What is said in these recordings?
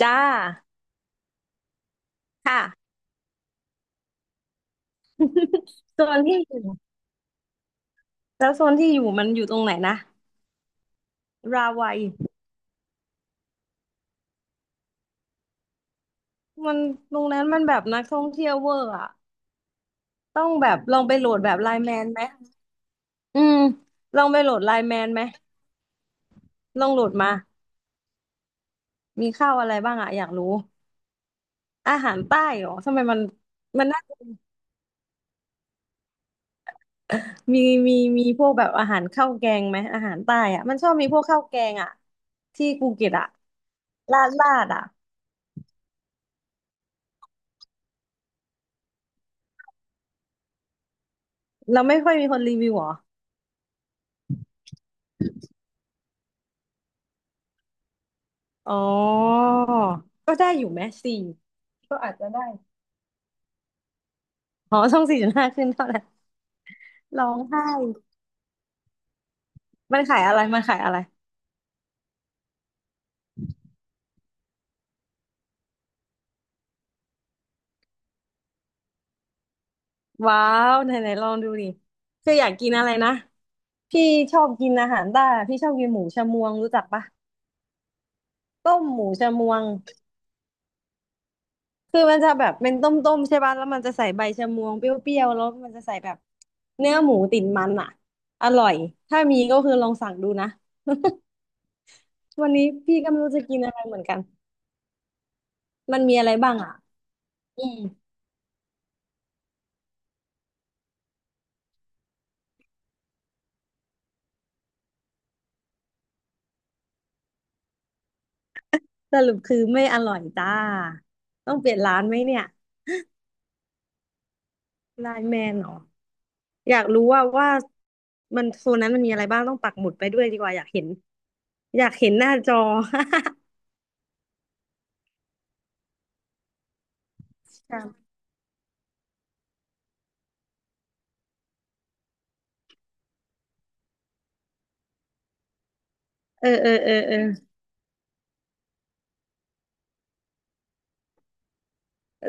จ้าค่ะ โซนที่อยู่แล้วโซนที่อยู่มันอยู่ตรงไหนนะราวัยมันตรงนั้นมันแบบนักท่องเที่ยวเวอร์อะต้องแบบลองไปโหลดแบบไลน์แมนไหมอืมลองไปโหลดไลน์แมนไหมลองโหลดมามีข้าวอะไรบ้างอะอยากรู้อาหารใต้เหรอทำไมมันมันน่าจะมีมีมีพวกแบบอาหารข้าวแกงไหมอาหารใต้อะมันชอบมีพวกข้าวแกงอะที่ภูเก็ตอะลาดลาดอะเราไม่ค่อยมีคนรีวิวเหรอ อ๋อ ก็ได้อยู่ไหมสี่ ก็อาจจะได้อ๋อช่อง4.5ขึ้นเท่านั้นร้องไห้มันขายอะไรมันขายอะไร ว้าวไหนไหนลองดูดิคืออยากกินอะไรนะ พี่ชอบกินอาหารใต้อะพี่ชอบกินหมูชะมวงรู้จักปะ ต้มหมูชะมวง คือมันจะแบบเป็นต้มๆใช่ปะแล้วมันจะใส่ใบชะมวงเปรี้ยวๆแล้วมันจะใส่แบบเนื้อหมูติดมันอ่ะอร่อยถ้ามีก็คือลองสั่งดูนะ วันนี้พี่ก็ไม่รู้จะกินอะไรเหมือนกันมันมีอะไรบ้างอ่ะ อืมสรุปคือไม่อร่อยจ้าต้องเปลี่ยนร้านไหมเนี่ยไลน์แมนเหรออยากรู้ว่ามันโซนนั้นมันมีอะไรบ้างต้องปักหมุดไปด้วยดีกว่าอยากเห็นอยากเห็นหน้าจอ ครับ เออเออเออเออ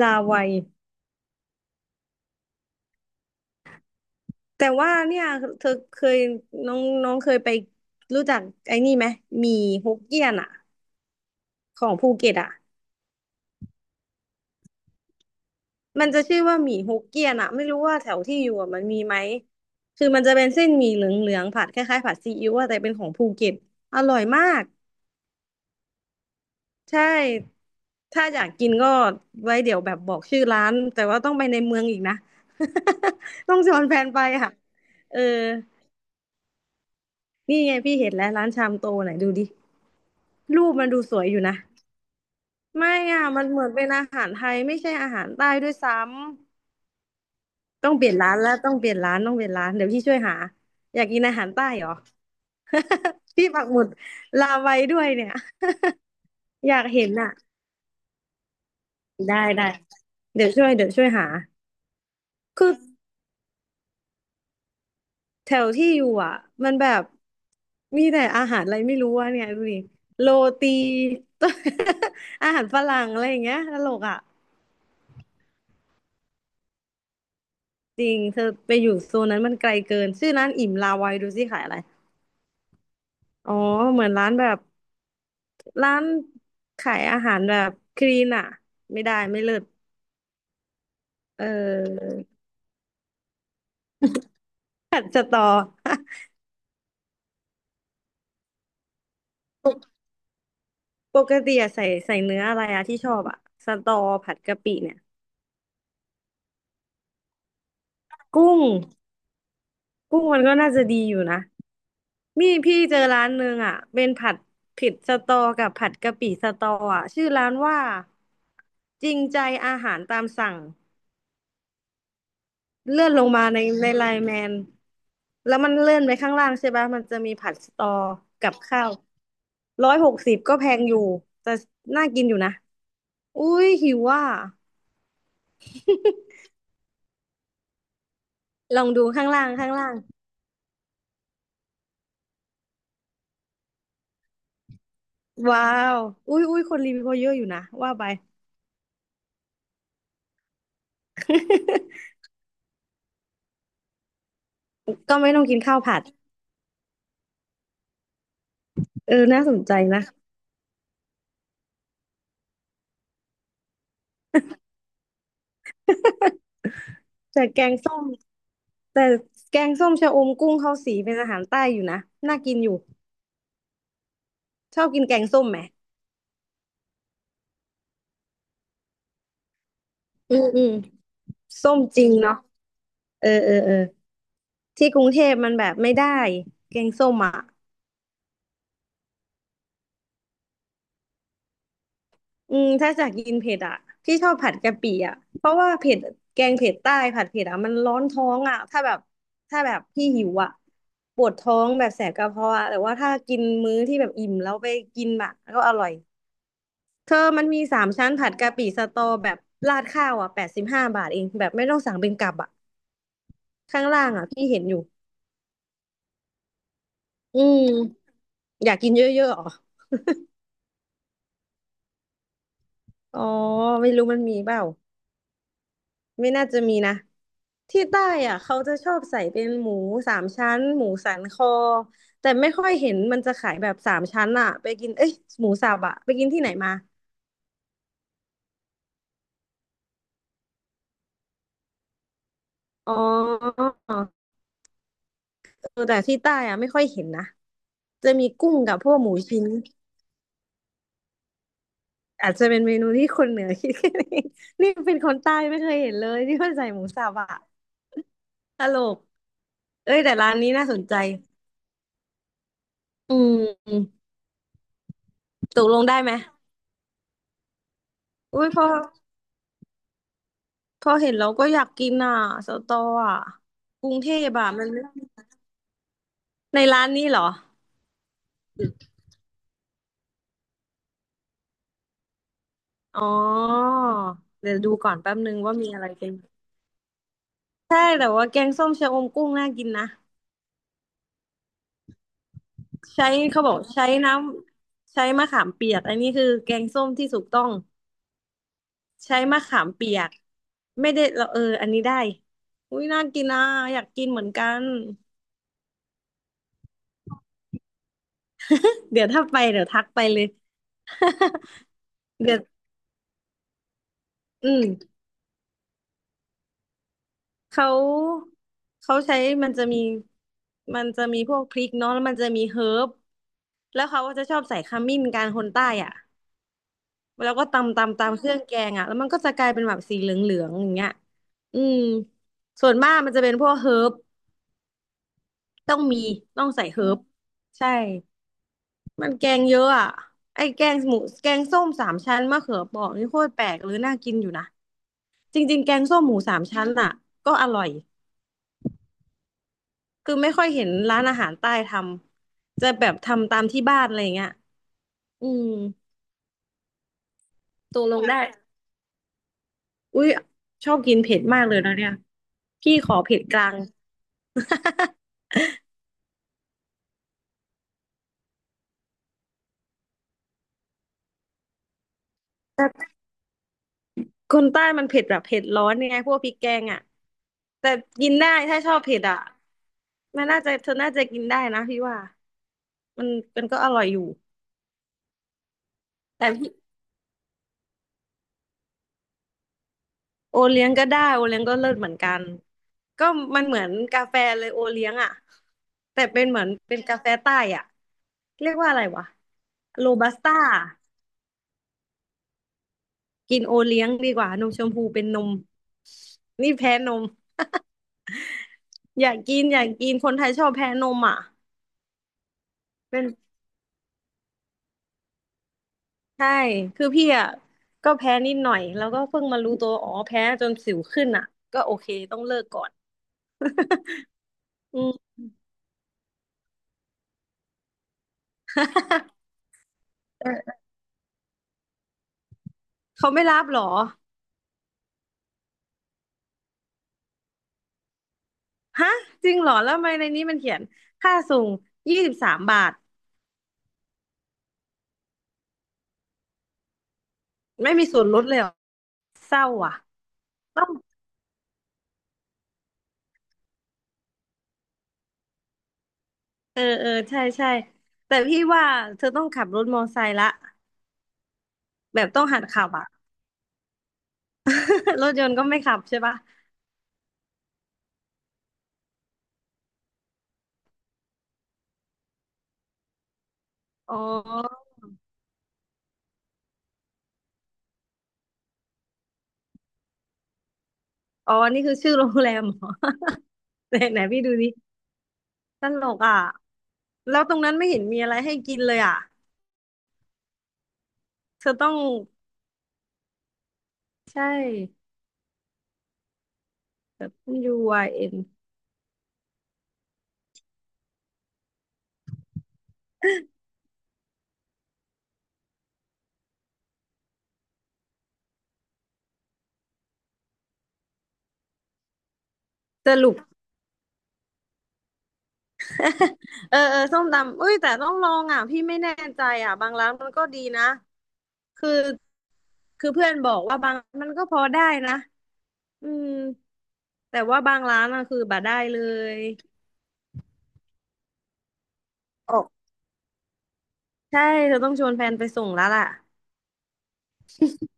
ลาวัยแต่ว่าเนี่ยเธอเคยน้องน้องเคยไปรู้จักไอ้นี่ไหมหมี่ฮกเกี้ยนอ่ะของภูเก็ตอ่ะ มันจะชื่อว่าหมี่ฮกเกี้ยนอะไม่รู้ว่าแถวที่อยู่อะมันมีไหมคือมันจะเป็นเส้นหมี่เหลืองๆผัดคล้ายๆผัดซีอิ๊วอะแต่เป็นของภูเก็ตอร่อยมากใช่ถ้าอยากกินก็ไว้เดี๋ยวแบบบอกชื่อร้านแต่ว่าต้องไปในเมืองอีกนะ ต้องชวนแฟนไปค่ะเออนี่ไงพี่เห็นแล้วร้านชามโตไหนดูดิรูปมันดูสวยอยู่นะไม่อ่ะมันเหมือนเป็นอาหารไทยไม่ใช่อาหารใต้ด้วยซ้ำ ต้องเปลี่ยนร้านแล้วต้องเปลี่ยนร้านต้องเปลี่ยนร้านเดี๋ยวพี่ช่วยหาอยากกินอาหารใต้เหรอ พี่ปักหมุดลาไว้ด้วยเนี่ย อยากเห็นอ่ะได้ได้เดี๋ยวช่วยหาคือแถวที่อยู่อ่ะมันแบบมีแต่อาหารอะไรไม่รู้อ่ะเนี่ยดูดิโรตี อาหารฝรั่งอะไรอย่างเงี้ยตลกอ่ะจริงเธอไปอยู่โซนนั้นมันไกลเกินชื่อร้านอิ่มลาไว้ดูสิขายอะไร อ๋อเหมือนร้านแบบร้านขายอาหารแบบคลีนอ่ะไม่ได้ไม่เลิศเออผัดสตอ ปกปกติอะใส่ใส่เนื้ออะไรอะที่ชอบอะสตอผัดกะปิเนี่ยกุ้งกุ้งมันก็น่าจะดีอยู่นะมีพี่เจอร้านหนึงอะเป็นผัดผิดสตอกับผัดกะปิสตออะชื่อร้านว่าจริงใจอาหารตามสั่ง เลื่อนลงมาในในไลน์แมนแล้วมันเลื่อนไปข้างล่างใช่ปะมันจะมีผัดสตอกับข้าว160ก็แพงอยู่ แต่น่ากินอยู่นะ อุ้ยหิวว่าลองดูข้างล่างข้างล่างว้าว อุ้ยอุ้ยคนรีวิวเขาเยอะอยู่นะ ว่าไป ก็ไม่ต้องกินข้าวผัด เออ น่าสนใจนะ แต่แกงส้มแต่แกงส้มชะอมกุ้งข้าวสีเป็นอาหารใต้อยู่นะ น่ากินอยู่ชอบกินแกงส้มไหมอืมอืมส้มจริงเนาะเออเออเออ ที่กรุงเทพมันแบบไม่ได้แกงส้มอ่ะอืมถ้าจากกินเผ็ดอ่ะพี่ชอบผัดกะปิอ่ะเพราะว่าเผ็ดแกงเผ็ดใต้ผัดเผ็ดอ่ะมันร้อนท้องอ่ะถ้าแบบพี่หิวอ่ะปวดท้องแบบแสบกระเพาะอะแต่ว่าถ้ากินมื้อที่แบบอิ่มแล้วไปกินแบบก็อร่อยเธอมันมีสามชั้นผัดกะปิสตอแบบราดข้าวอ่ะ85 บาทเองแบบไม่ต้องสั่งเป็นกับอ่ะข้างล่างอ่ะพี่เห็นอยู่อืมอยากกินเยอะๆเหรออ๋อไม่รู้มันมีเปล่า ไม่น่าจะมีนะที่ใต้อ่ะเขาจะชอบใส่เป็นหมูสามชั้นหมูสันคอแต่ไม่ค่อยเห็นมันจะขายแบบสามชั้นอ่ะไปกินเอ้ยหมูสับอ่ะไปกินที่ไหนมาอ๋อเออแต่ที่ใต้อ่ะไม่ค่อยเห็นนะจะมีกุ้งกับพวกหมูชิ้นอาจจะเป็นเมนูที่คนเหนือคิดกันเอง นี่เป็นคนใต้ไม่เคยเห็นเลยที่ว่าใส่หมูสับอ่ะตลกเอ้ยแต่ร้านนี้น่าสนใจอืมตกลงได้ไหมอุ้ยพอ พอเห็นแล้วก็อยากกินอ่ะสตออ่ะกรุงเทพอ่ะมันในร้านนี้เหรออ๋อเดี๋ยวดูก่อนแป๊บนึงว่ามีอะไรกินใช่แต่ว่าแกงส้มชะอมกุ้งน่ากินนะใช้เขาบอกใช้น้ำใช้มะขามเปียกอันนี้คือแกงส้มที่ถูกต้องใช้มะขามเปียกไม่ได้เราเอออันนี้ได้อุ้ยน่ากินนะอยากกินเหมือนกัน เดี๋ยวถ้าไปเดี๋ยวทักไปเลย เดี๋ยวอืม เขาใช้มันจะมีพวกพริกเนาะแล้วมันจะมีเฮิร์บแล้วเขาก็จะชอบใส่ขมิ้นกันคนใต้อ่ะแล้วก็ตำเครื่องแกงอ่ะแล้วมันก็จะกลายเป็นแบบสีเหลืองๆอย่างเงี้ยอืมส่วนมากมันจะเป็นพวกเฮิร์บต้องมีต้องใส่เฮิร์บใช่ มันแกงเยอะอ่ะไอ้แกงหมูแกงส้มสามชั้นมะเขือเปราะนี่โคตรแปลกหรือน่ากินอยู่นะจริงๆแกงส้มหมูสามชั้นอ่ะก็อร่อย คือไม่ค่อยเห็นร้านอาหารใต้ทำจะแบบทำตามที่บ้านอะไรอเงี้ยอืมตกลงได้อุ้ยชอบกินเผ็ดมากเลยนะเนี่ยพี่ขอเผ็ดกลาง คนใต้มันเผ็ดแบบเผ็ดร้อนไงพวกพริกแกงอ่ะแต่กินได้ถ้าชอบเผ็ดอ่ะมันน่าจะเธอน่าจะกินได้นะพี่ว่ามันมันก็อร่อยอยู่แต่พี่ โอเลี้ยงก็ได้โอเลี้ยงก็เลิศเหมือนกันก็มันเหมือนกาแฟเลยโอเลี้ยงอ่ะแต่เป็นเหมือนเป็นกาแฟใต้อ่ะเรียกว่าอะไรวะโรบัสต้ากินโอเลี้ยงดีกว่านมชมพูเป็นนมนี่แพ้นมอยากกินคนไทยชอบแพ้นมอ่ะเป็นใช่คือพี่อ่ะก็แพ้นิดหน่อยแล้วก็เพิ่งมารู้ตัวอ๋อแพ้จนสิวขึ้นอ่ะก็โอเคต้องเลิกก่อน อืม เขาไม่รับเหรอ ฮะจริงเหรอแล้วทำไมในนี้มันเขียนค่าส่ง23 บาทไม่มีส่วนลดเลยเหรอเศร้าอ่ะต้องเออเออใช่ใช่แต่พี่ว่าเธอต้องขับรถมอไซค์ละแบบต้องหัดขับอ่ะ รถยนต์ก็ไม่ขับใช่ปะอ๋อนี่คือชื่อโรงแรมเหรอ ไหนไหนพี่ดูดิตลกอ่ะแล้วตรงนั้นไม่เห็นมีอะไรให้กินเลยอ่ะเธอต้องใช่แต่ยูไอเอนสรุป เออเออส้มตำอุ้ยแต่ต้องลองอ่ะพี่ไม่แน่ใจอ่ะบางร้านมันก็ดีนะคือเพื่อนบอกว่าบางมันก็พอได้นะอืมแต่ว่าบางร้านอ่ะคือบ่ได้เลยโอ้ใช่เธอต้องชวนแฟนไปส่งแล้วล่ะ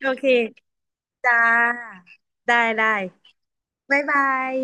โอเคจ้าได้ได้บ๊ายบาย